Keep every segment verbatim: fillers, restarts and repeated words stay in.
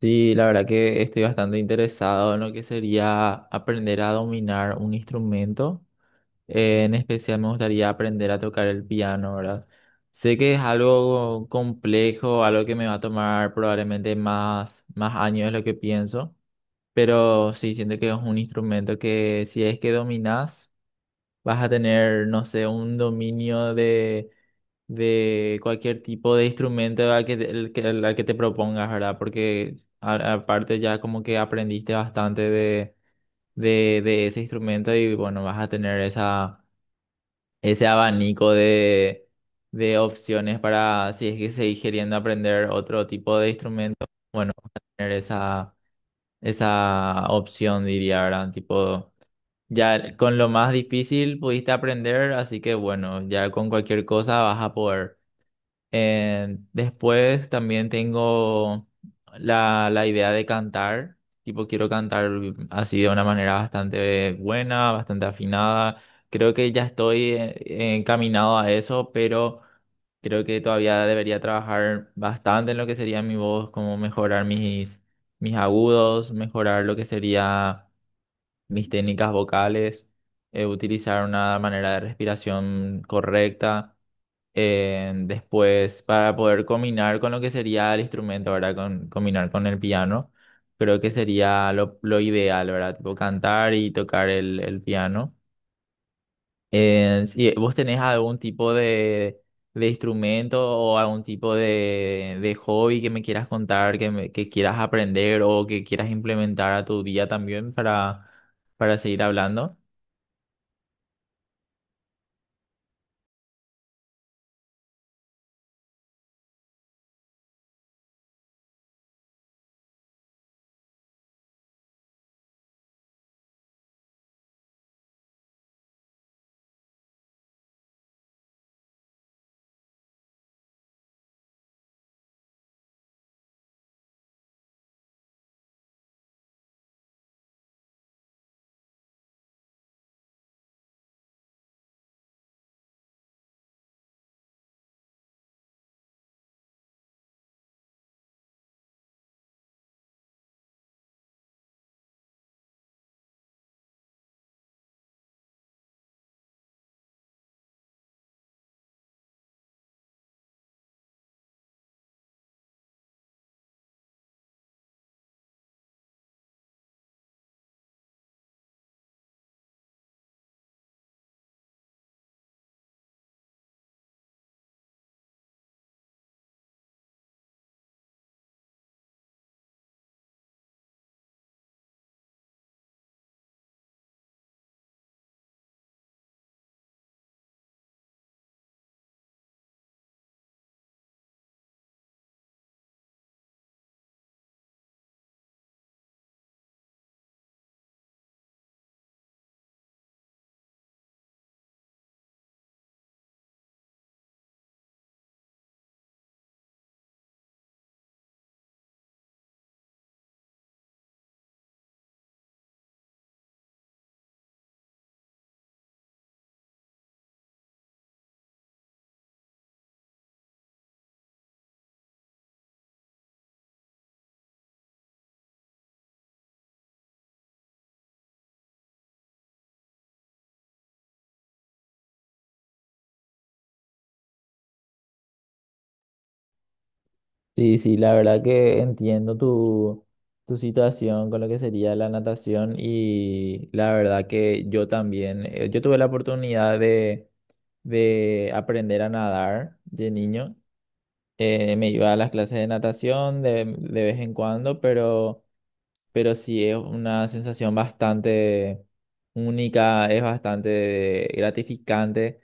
Sí, la verdad que estoy bastante interesado en lo que sería aprender a dominar un instrumento. Eh, en especial me gustaría aprender a tocar el piano, ¿verdad? Sé que es algo complejo, algo que me va a tomar probablemente más, más años de lo que pienso, pero sí siento que es un instrumento que si es que dominas vas a tener, no sé, un dominio de, de cualquier tipo de instrumento al que, te- el, que, al que te propongas, ¿verdad? Porque a- aparte ya como que aprendiste bastante de, de, de ese instrumento y bueno, vas a tener esa, ese abanico de, de opciones para, si es que seguís queriendo aprender otro tipo de instrumento, bueno, vas a tener esa esa opción, diría, ¿verdad? Tipo, ya con lo más difícil pudiste aprender, así que bueno, ya con cualquier cosa vas a poder. Eh, después también tengo la, la idea de cantar, tipo quiero cantar así de una manera bastante buena, bastante afinada. Creo que ya estoy eh, encaminado a eso, pero creo que todavía debería trabajar bastante en lo que sería mi voz, como mejorar mis, mis agudos, mejorar lo que sería mis técnicas vocales, eh, utilizar una manera de respiración correcta. Eh, después, para poder combinar con lo que sería el instrumento, ¿verdad? Con, combinar con el piano, creo que sería lo, lo ideal, ¿verdad? Tipo cantar y tocar el, el piano. Eh, si vos tenés algún tipo de, de instrumento o algún tipo de, de hobby que me quieras contar, que, me- que quieras aprender o que quieras implementar a tu día también para, para seguir hablando. Sí, sí, la verdad que entiendo tu, tu situación con lo que sería la natación y la verdad que yo también, eh, yo tuve la oportunidad de, de aprender a nadar de niño. Eh, me iba a las clases de natación de, de vez en cuando, pero pero sí es una sensación bastante única, es bastante gratificante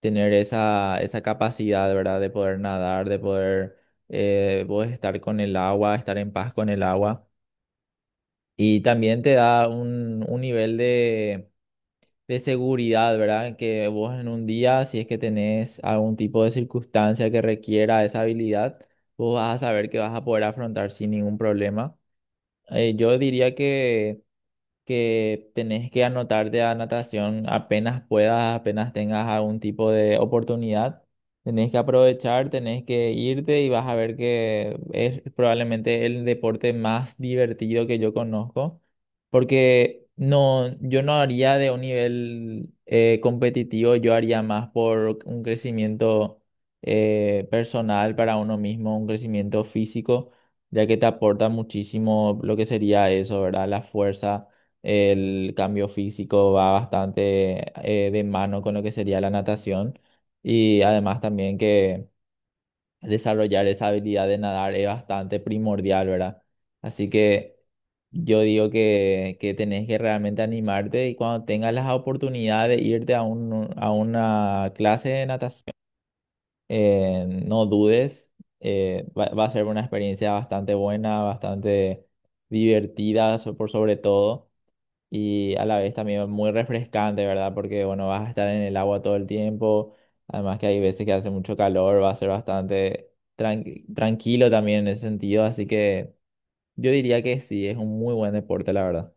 tener esa, esa capacidad, ¿verdad? De poder nadar, de poder eh, vos estar con el agua, estar en paz con el agua. Y también te da un, un nivel de, de seguridad, ¿verdad? Que vos en un día, si es que tenés algún tipo de circunstancia que requiera esa habilidad, vos vas a saber que vas a poder afrontar sin ningún problema. Eh, yo diría que que tenés que anotarte a natación apenas puedas, apenas tengas algún tipo de oportunidad. Tenés que aprovechar, tenés que irte y vas a ver que es probablemente el deporte más divertido que yo conozco, porque no, yo no haría de un nivel eh, competitivo, yo haría más por un crecimiento eh, personal para uno mismo, un crecimiento físico, ya que te aporta muchísimo lo que sería eso, ¿verdad? La fuerza, el cambio físico va bastante eh, de mano con lo que sería la natación y además también que desarrollar esa habilidad de nadar es bastante primordial, ¿verdad? Así que yo digo que, que tenés que realmente animarte y cuando tengas las oportunidades de irte a, un, a una clase de natación, eh, no dudes, eh, va, va a ser una experiencia bastante buena, bastante divertida so- por sobre todo y a la vez también muy refrescante, ¿verdad? Porque, bueno, vas a estar en el agua todo el tiempo, además que hay veces que hace mucho calor, va a ser bastante tranqui- tranquilo también en ese sentido, así que yo diría que sí, es un muy buen deporte, la verdad.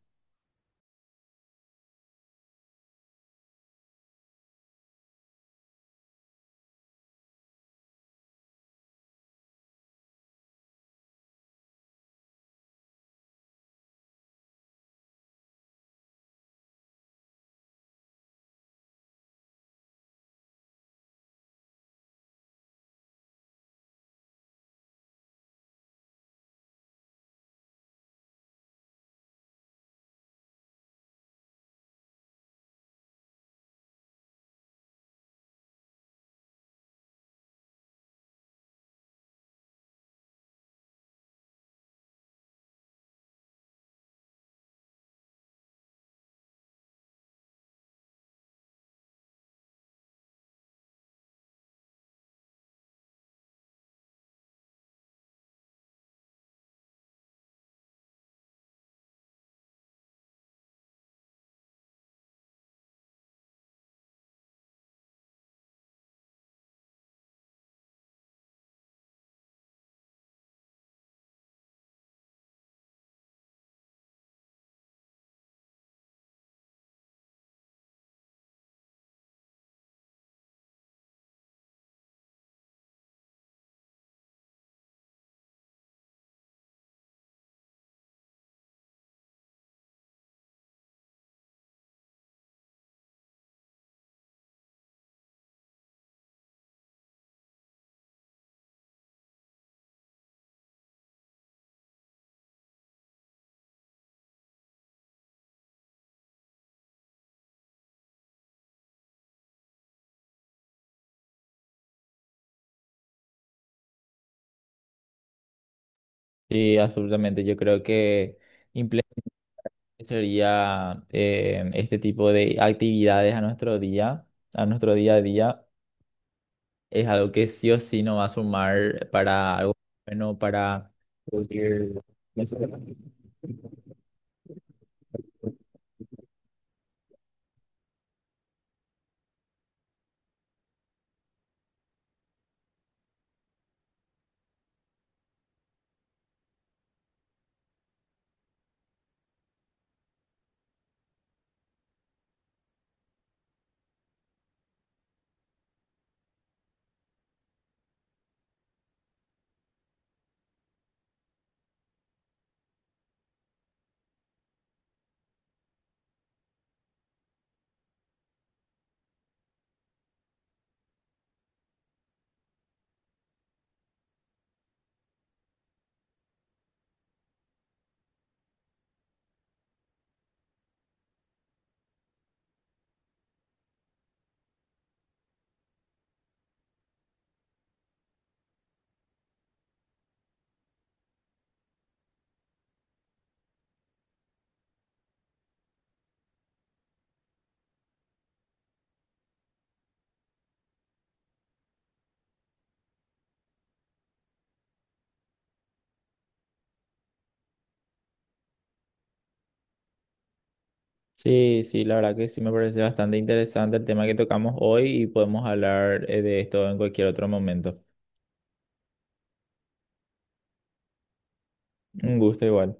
Sí, absolutamente, yo creo que implementaría eh, este tipo de actividades a nuestro día, a nuestro día a día, es algo que sí o sí nos va a sumar para algo bueno, para... producir. Sí, sí, la verdad que sí me parece bastante interesante el tema que tocamos hoy y podemos hablar eh, de esto en cualquier otro momento. Un gusto igual.